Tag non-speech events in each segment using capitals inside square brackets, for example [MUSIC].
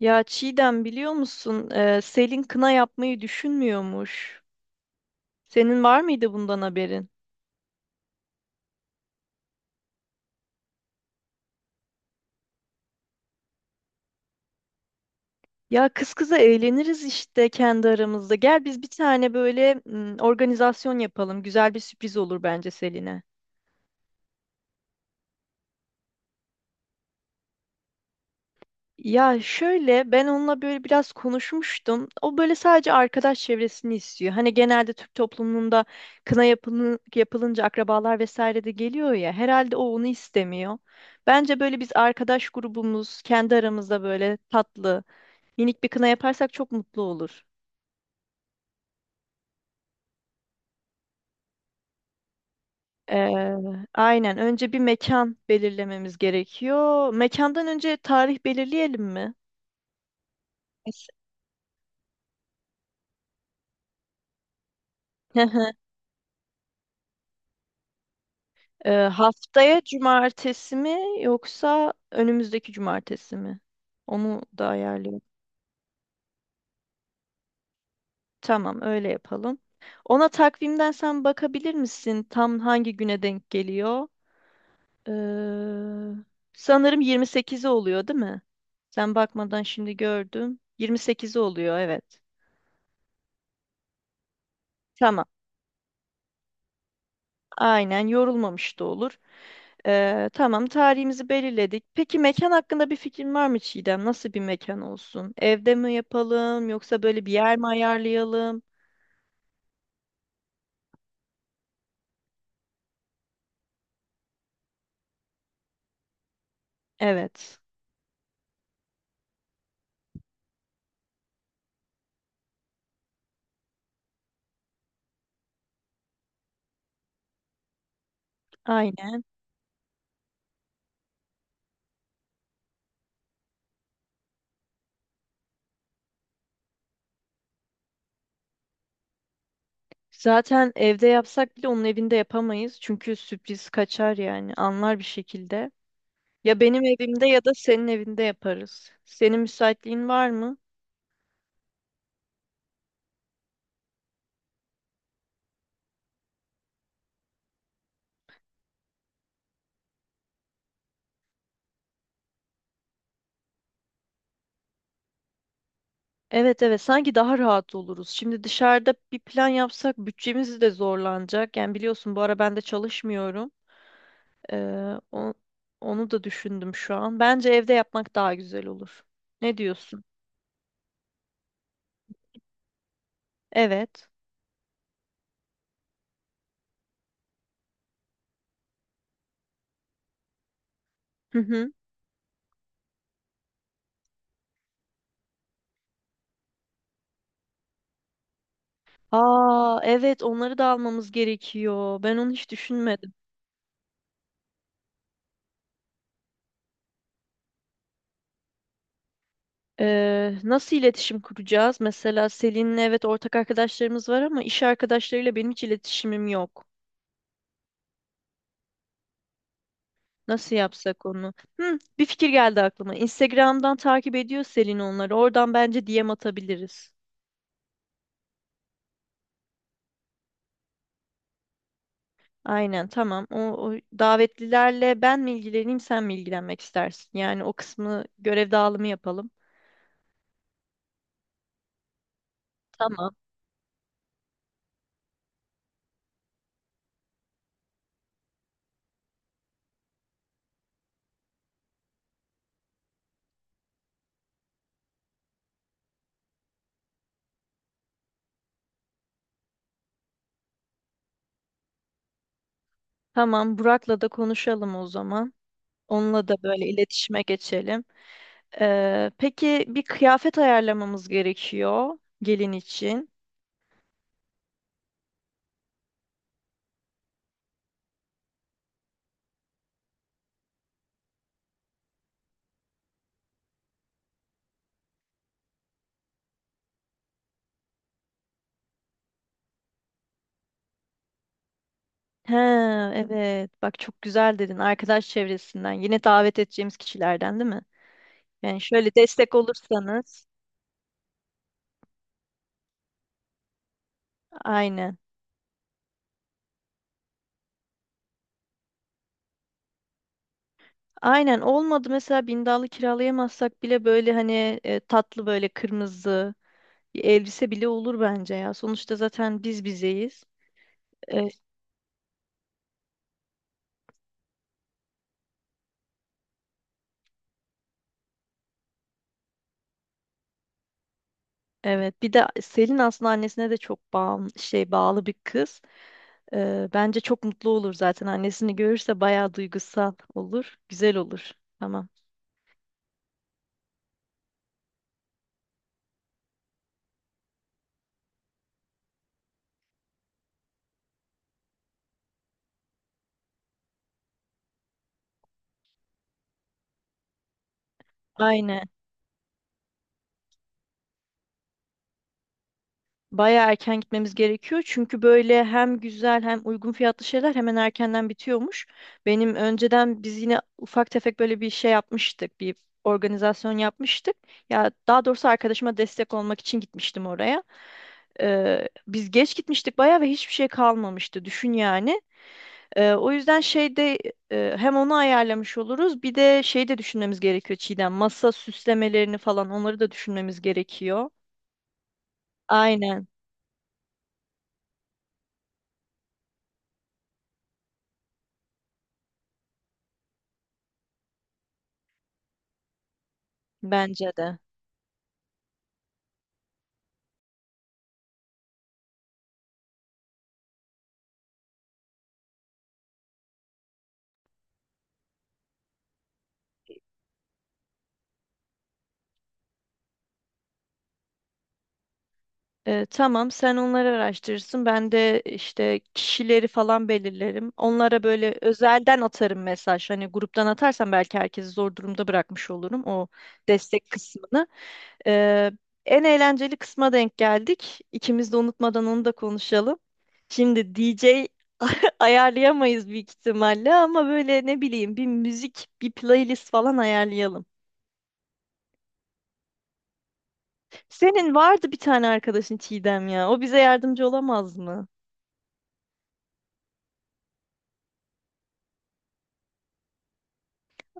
Ya Çiğdem biliyor musun? Selin kına yapmayı düşünmüyormuş. Senin var mıydı bundan haberin? Ya kız kıza eğleniriz işte kendi aramızda. Gel biz bir tane böyle organizasyon yapalım. Güzel bir sürpriz olur bence Selin'e. Ya şöyle ben onunla böyle biraz konuşmuştum. O böyle sadece arkadaş çevresini istiyor. Hani genelde Türk toplumunda kına yapılın, yapılınca akrabalar vesaire de geliyor ya. Herhalde o onu istemiyor. Bence böyle biz arkadaş grubumuz kendi aramızda böyle tatlı, minik bir kına yaparsak çok mutlu olur. Ee, aynen önce bir mekan belirlememiz gerekiyor. Mekandan önce tarih belirleyelim mi? Kesin. [LAUGHS] Haftaya cumartesi mi yoksa önümüzdeki cumartesi mi? Onu da ayarlayalım. Tamam, öyle yapalım. Ona takvimden sen bakabilir misin? Tam hangi güne denk geliyor? Ee, Sanırım 28'i oluyor, değil mi? Sen bakmadan şimdi gördüm. 28'i oluyor, evet. Tamam. Aynen yorulmamış da olur. Tamam, tarihimizi belirledik. Peki mekan hakkında bir fikrin var mı Çiğdem? Nasıl bir mekan olsun? Evde mi yapalım yoksa böyle bir yer mi ayarlayalım? Evet, aynen. Zaten evde yapsak bile onun evinde yapamayız. Çünkü sürpriz kaçar yani anlar bir şekilde. Ya benim evimde ya da senin evinde yaparız. Senin müsaitliğin var mı? Evet, evet, sanki daha rahat oluruz. Şimdi dışarıda bir plan yapsak bütçemiz de zorlanacak. Yani biliyorsun bu ara ben de çalışmıyorum. Ee, o- Onu da düşündüm şu an. Bence evde yapmak daha güzel olur. Ne diyorsun? Evet. Hı hı. Aa, evet onları da almamız gerekiyor. Ben onu hiç düşünmedim. Nasıl iletişim kuracağız? Mesela Selin'le evet ortak arkadaşlarımız var ama iş arkadaşlarıyla benim hiç iletişimim yok. Nasıl yapsak onu? Hı, bir fikir geldi aklıma. Instagram'dan takip ediyor Selin onları. Oradan bence DM atabiliriz. Aynen tamam. O davetlilerle ben mi ilgileneyim sen mi ilgilenmek istersin? Yani o kısmı görev dağılımı yapalım. Tamam. Tamam Burak'la da konuşalım o zaman. Onunla da böyle iletişime geçelim. Peki bir kıyafet ayarlamamız gerekiyor gelin için. He, evet. Bak çok güzel dedin. Arkadaş çevresinden. Yine davet edeceğimiz kişilerden değil mi? Yani şöyle destek olursanız. Aynen. Aynen olmadı mesela bindallı kiralayamazsak bile böyle hani tatlı böyle kırmızı bir elbise bile olur bence ya. Sonuçta zaten biz bizeyiz. E, evet bir de Selin aslında annesine de çok şey bağlı bir kız. Bence çok mutlu olur zaten annesini görürse bayağı duygusal olur. Güzel olur. Tamam. Aynen. Bayağı erken gitmemiz gerekiyor. Çünkü böyle hem güzel hem uygun fiyatlı şeyler hemen erkenden bitiyormuş. Benim önceden biz yine ufak tefek böyle bir şey yapmıştık. Bir organizasyon yapmıştık. Ya daha doğrusu arkadaşıma destek olmak için gitmiştim oraya. Biz geç gitmiştik bayağı ve hiçbir şey kalmamıştı. Düşün yani. O yüzden hem onu ayarlamış oluruz. Bir de şey de düşünmemiz gerekiyor Çiğdem. Masa süslemelerini falan onları da düşünmemiz gerekiyor. Aynen bence de. Tamam, sen onları araştırırsın. Ben de işte kişileri falan belirlerim. Onlara böyle özelden atarım mesaj. Hani gruptan atarsam belki herkesi zor durumda bırakmış olurum o destek kısmını. Ee, En eğlenceli kısma denk geldik. İkimiz de unutmadan onu da konuşalım. Şimdi DJ [LAUGHS] ayarlayamayız büyük ihtimalle ama böyle ne bileyim bir müzik, bir playlist falan ayarlayalım. Senin vardı bir tane arkadaşın Çiğdem ya. O bize yardımcı olamaz mı?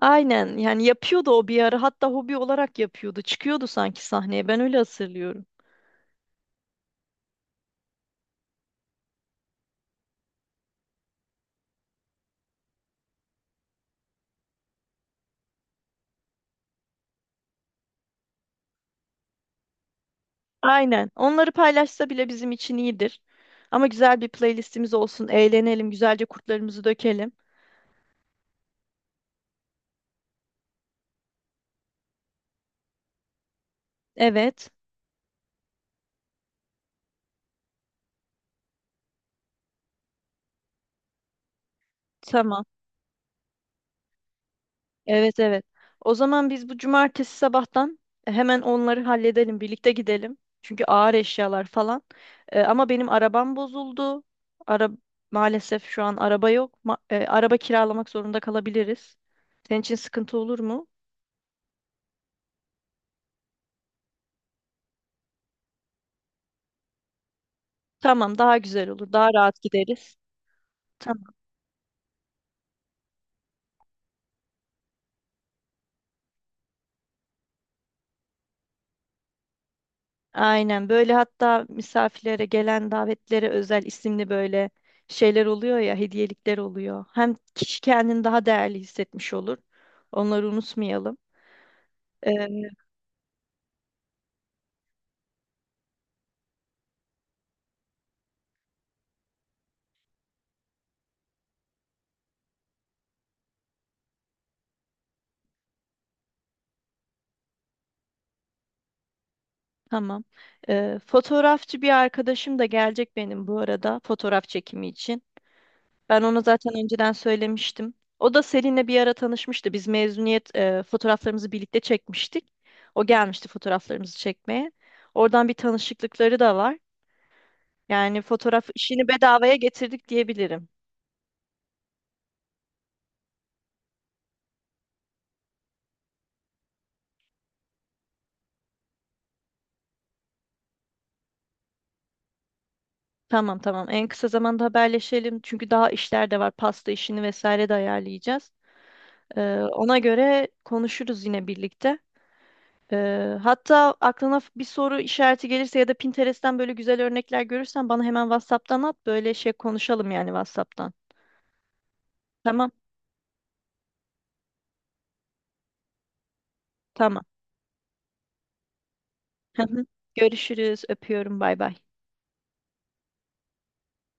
Aynen yani yapıyordu o bir ara hatta hobi olarak yapıyordu. Çıkıyordu sanki sahneye ben öyle hatırlıyorum. Aynen onları paylaşsa bile bizim için iyidir. Ama güzel bir playlistimiz olsun eğlenelim güzelce kurtlarımızı dökelim. Evet tamam evet, evet. O zaman biz bu cumartesi sabahtan hemen onları halledelim birlikte gidelim. Çünkü ağır eşyalar falan. Ama benim arabam bozuldu. Ara Maalesef şu an araba yok. Araba kiralamak zorunda kalabiliriz. Senin için sıkıntı olur mu? Tamam, daha güzel olur. Daha rahat gideriz. Tamam. Aynen böyle hatta misafirlere gelen davetlere özel isimli böyle şeyler oluyor ya, hediyelikler oluyor. Hem kişi kendini daha değerli hissetmiş olur. Onları unutmayalım. Ee, tamam. Fotoğrafçı bir arkadaşım da gelecek benim bu arada fotoğraf çekimi için. Ben ona zaten önceden söylemiştim. O da Selin'le bir ara tanışmıştı. Biz mezuniyet fotoğraflarımızı birlikte çekmiştik. O gelmişti fotoğraflarımızı çekmeye. Oradan bir tanışıklıkları da var. Yani fotoğraf işini bedavaya getirdik diyebilirim. Tamam, tamam. En kısa zamanda haberleşelim. Çünkü daha işler de var. Pasta işini vesaire de ayarlayacağız. E, Ona göre konuşuruz yine birlikte. Hatta aklına bir soru işareti gelirse ya da Pinterest'ten böyle güzel örnekler görürsen bana hemen WhatsApp'tan at. Böyle şey konuşalım yani WhatsApp'tan. Tamam, tamam. Hı hı. Görüşürüz. Öpüyorum. Bay bay.